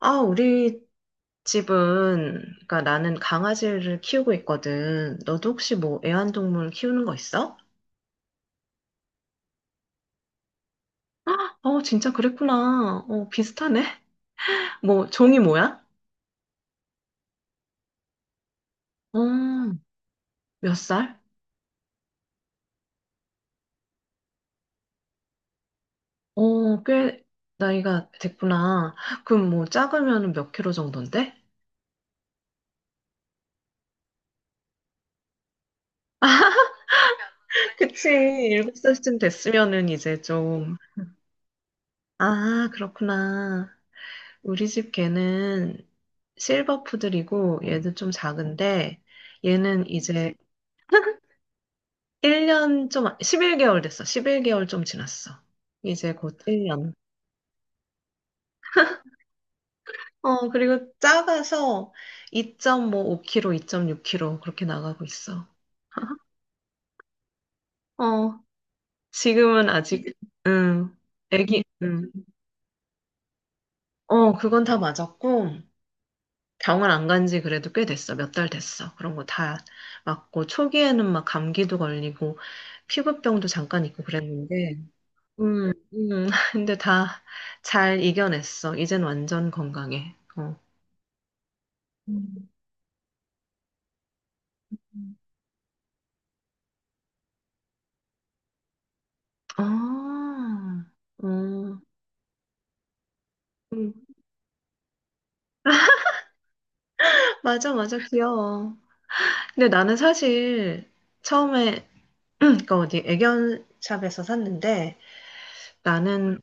아, 우리 집은, 그러니까 나는 강아지를 키우고 있거든. 너도 혹시 뭐 애완동물 키우는 거 있어? 어, 진짜 그랬구나. 어, 비슷하네. 뭐, 종이 뭐야? 어, 몇 살? 어, 꽤 나이가 됐구나. 그럼 뭐, 작으면 몇 킬로 정도인데? 그치, 일곱 살쯤 됐으면은 이제 좀. 아, 그렇구나. 우리 집 개는 실버푸들이고, 얘도 좀 작은데, 얘는 이제 1년 좀, 11개월 됐어. 11개월 좀 지났어. 이제 곧 1년. 어, 그리고 작아서 2.5kg, 2.6kg 그렇게 나가고 있어. 어, 지금은 아직, 응, 애기, 응. 어, 그건 다 맞았고, 병원 안 간지 그래도 꽤 됐어. 몇 달 됐어. 그런 거 다 맞고, 초기에는 막 감기도 걸리고, 피부병도 잠깐 있고 그랬는데, 음. 근데 다 잘 이겨냈어. 이젠 완전 건강해. 어. 음. 음. 아, 음, 음. 맞아, 맞아, 귀여워. 근데 나는 사실 처음에, 그 어디 애견샵에서 샀는데 나는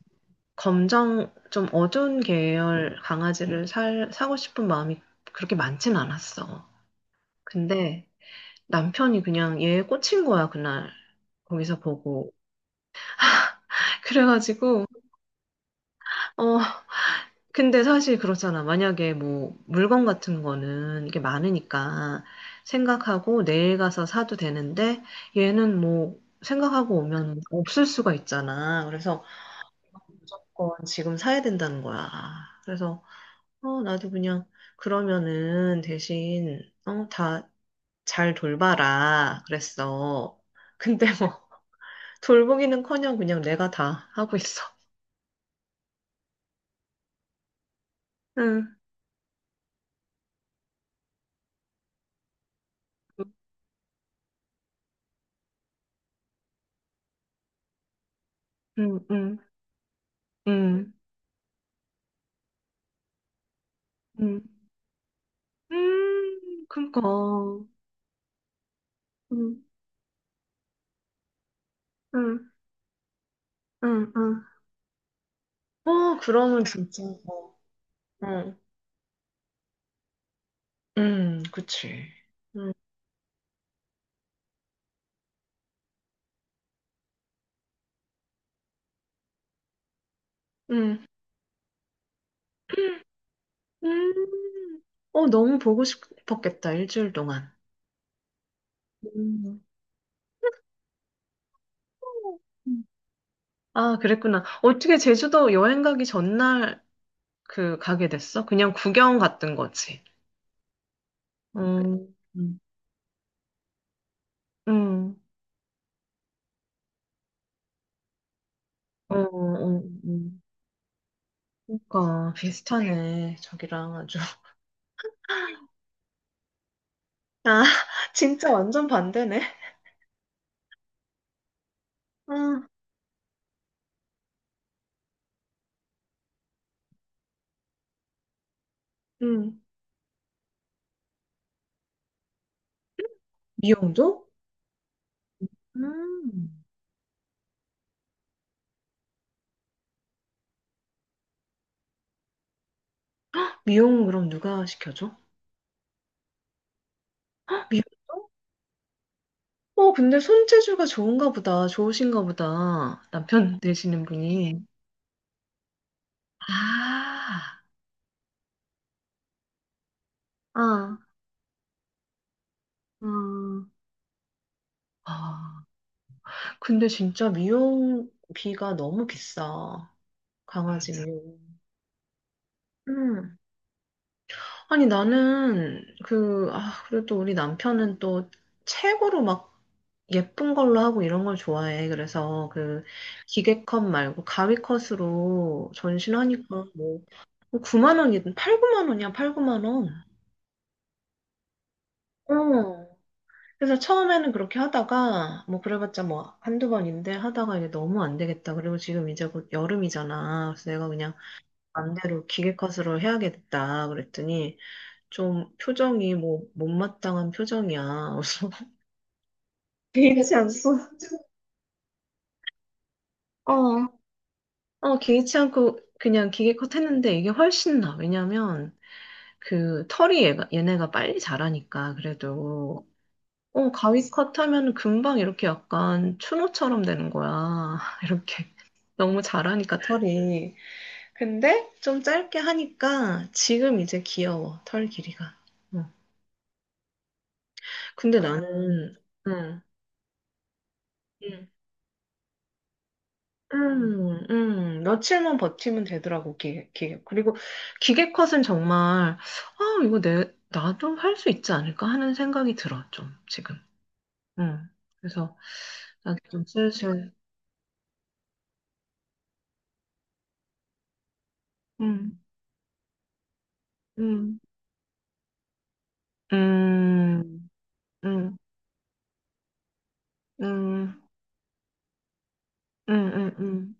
검정, 좀 어두운 계열 강아지를 사고 싶은 마음이 그렇게 많진 않았어. 근데 남편이 그냥 얘에 꽂힌 거야, 그날. 거기서 보고. 그래가지고, 어, 근데 사실 그렇잖아. 만약에 뭐 물건 같은 거는 이게 많으니까 생각하고 내일 가서 사도 되는데 얘는 뭐 생각하고 오면 없을 수가 있잖아. 그래서 무조건 지금 사야 된다는 거야. 그래서 어, 나도 그냥 그러면은 대신 어, 다 잘 돌봐라 그랬어. 근데 뭐 돌보기는커녕 그냥 내가 다 하고 있어. 응, 응, 응, 응, 응. 그니까. 응, 응, 응, 응. 어, 그러면 진짜. 어, 응, 응, 그치. 응, 응, 음. 어, 너무 보고 싶었겠다, 일주일 동안. 음. 아, 그랬구나. 어떻게 제주도 여행 가기 전날 그 가게 됐어? 그냥 구경 갔던 거지. 음, 음, 음, 어, 어, 그러니까 비슷하네, 저기랑 아주. 아, 진짜 완전 반대네. 아, 응. 미용도? 음. 미용 그럼 누가 시켜줘? 미용. 어, 근데 손재주가 좋은가 보다. 좋으신가 보다. 남편 되시는 분이. 아, 아, 음. 아. 근데 진짜 미용비가 너무 비싸. 강아지 맞아. 미용. 음. 아니, 나는 그, 아, 그래도 우리 남편은 또 책으로 막 예쁜 걸로 하고 이런 걸 좋아해. 그래서 그 기계컷 말고 가위컷으로 전신하니까 뭐 9만 원이든 8, 9만 원이야, 8, 9만 원. 어. 그래서 처음에는 그렇게 하다가 뭐 그래봤자 뭐 한두 번인데 하다가 이게 너무 안 되겠다. 그리고 지금 이제 곧 여름이잖아. 그래서 내가 그냥 맘대로 기계컷으로 해야겠다. 그랬더니 좀 표정이 뭐 못마땅한 표정이야. 그래서 괜찮소. 어. 어, 개의치 않고 그냥 기계 컷 했는데 이게 훨씬 나. 왜냐면 그 털이 얘가, 얘네가 빨리 자라니까 그래도 어, 가위 컷 하면 금방 이렇게 약간 추노처럼 되는 거야. 이렇게 너무 자라니까 털이. 근데 좀 짧게 하니까 지금 이제 귀여워. 털 길이가. 어. 근데 아, 나는 응. 응. 며칠만 버티면 되더라고, 기계. 그리고 기계 컷은 정말, 아, 이거 나도 할 수 있지 않을까 하는 생각이 들어, 좀, 지금. 음, 그래서, 나도 좀 슬슬, 음, 음, 음, 음, 음, 음, 음, 음, 음,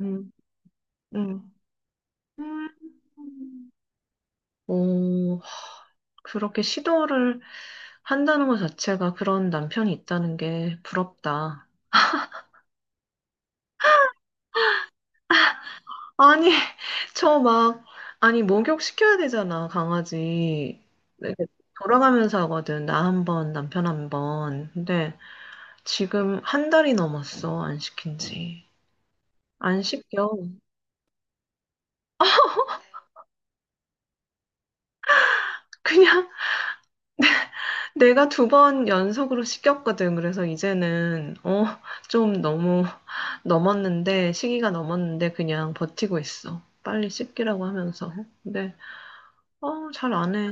음, 음. 음. 오, 그렇게 시도를 한다는 것 자체가 그런 남편이 있다는 게 부럽다. 아니, 저 막, 아니, 목욕시켜야 되잖아, 강아지. 이렇게 돌아가면서 하거든, 나 한 번, 남편 한 번. 근데 지금 한 달이 넘었어, 안 시킨 지. 안 시켜. 그냥 내가 두 번 연속으로 시켰거든. 그래서 이제는, 어, 좀 너무 넘었는데, 시기가 넘었는데, 그냥 버티고 있어. 빨리 씻기라고 하면서. 근데, 어, 잘 안 해.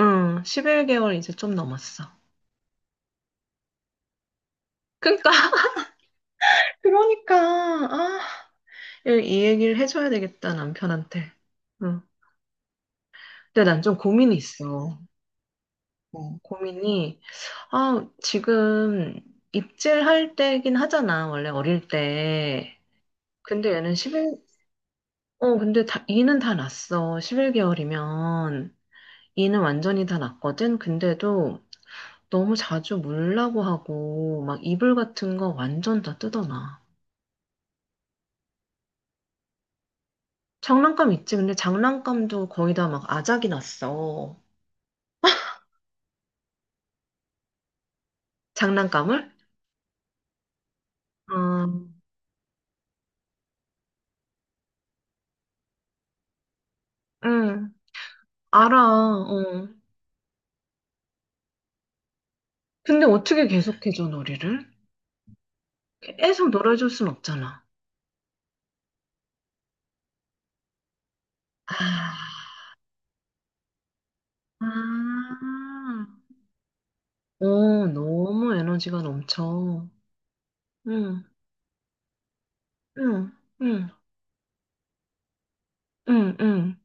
응, 11개월 이제 좀 넘었어. 그러니까 그러니까, 아, 이, 이 얘기를 해줘야 되겠다, 남편한테. 응. 근데 난 좀 고민이 있어. 어, 고민이, 아, 지금 입질할 때긴 하잖아, 원래 어릴 때. 근데 얘는 11, 어, 근데 다, 이는 다 났어. 11개월이면. 이는 완전히 다 났거든? 근데도 너무 자주 물라고 하고, 막 이불 같은 거 완전 다 뜯어놔. 장난감 있지? 근데 장난감도 거의 다 막 아작이 났어. 장난감을? 어, 응, 알아. 어. 근데 어떻게 계속해줘, 놀이를? 계속 놀아줄 순 없잖아. 아, 아. 어, 너무 에너지가 넘쳐. 응, 응, 응, 응, 응.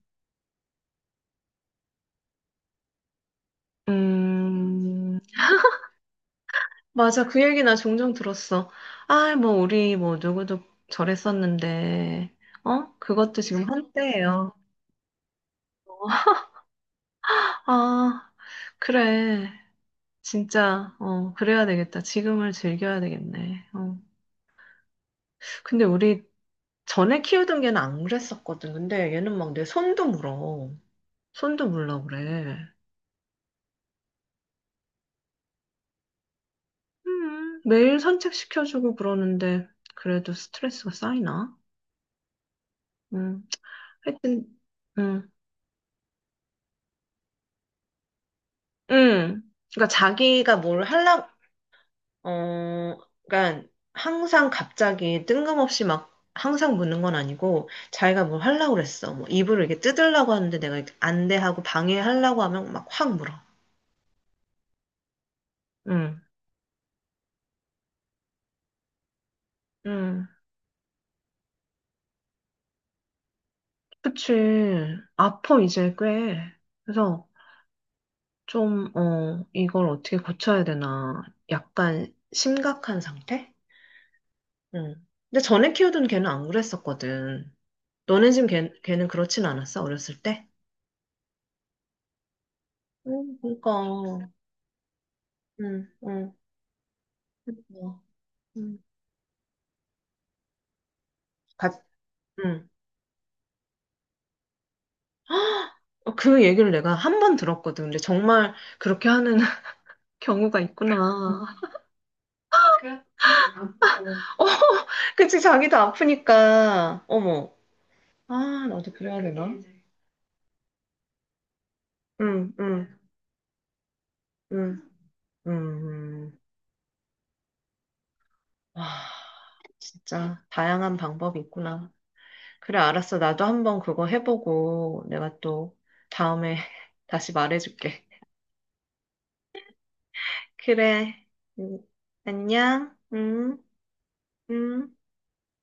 음, 맞아. 그 얘기 나 종종 들었어. 아, 뭐, 우리, 뭐, 누구도 저랬었는데, 어? 그것도 지금 한때예요. 아, 그래. 진짜, 어, 그래야 되겠다. 지금을 즐겨야 되겠네. 어. 근데 우리 전에 키우던 개는 안 그랬었거든. 근데 얘는 막 내 손도 물어. 손도 물러 그래. 매일 산책시켜주고 그러는데, 그래도 스트레스가 쌓이나? 음, 하여튼, 음, 음. 그러니까 자기가 뭘 하려, 어, 그러니까 항상 갑자기 뜬금없이 막 항상 묻는 건 아니고 자기가 뭘 하려고 그랬어. 뭐 이불을 이렇게 뜯으려고 하는데 내가 이렇게 안돼 하고 방해하려고 하면 막 확 물어. 응, 응. 그치. 아파, 이제 꽤. 그래서 좀, 어, 이걸 어떻게 고쳐야 되나. 약간 심각한 상태? 응. 근데 전에 키우던 걔는 안 그랬었거든. 너네 집 걔, 걔는 그렇진 않았어, 어렸을 때? 응, 그러니까. 응, 응. 뭐, 음. 같- 음. 어, 그 얘기를 내가 한 번 들었거든. 근데 정말 그렇게 하는 경우가 있구나. 아 어, 그치, 자기도 아프니까. 어머. 아, 나도 그래야 되나? 응, 응, 응, 응. 응. 아, 진짜 다양한 방법이 있구나. 그래, 알았어. 나도 한 번 그거 해보고 내가 또 다음에 다시 말해줄게. 그래. 음, 안녕. 응, 응.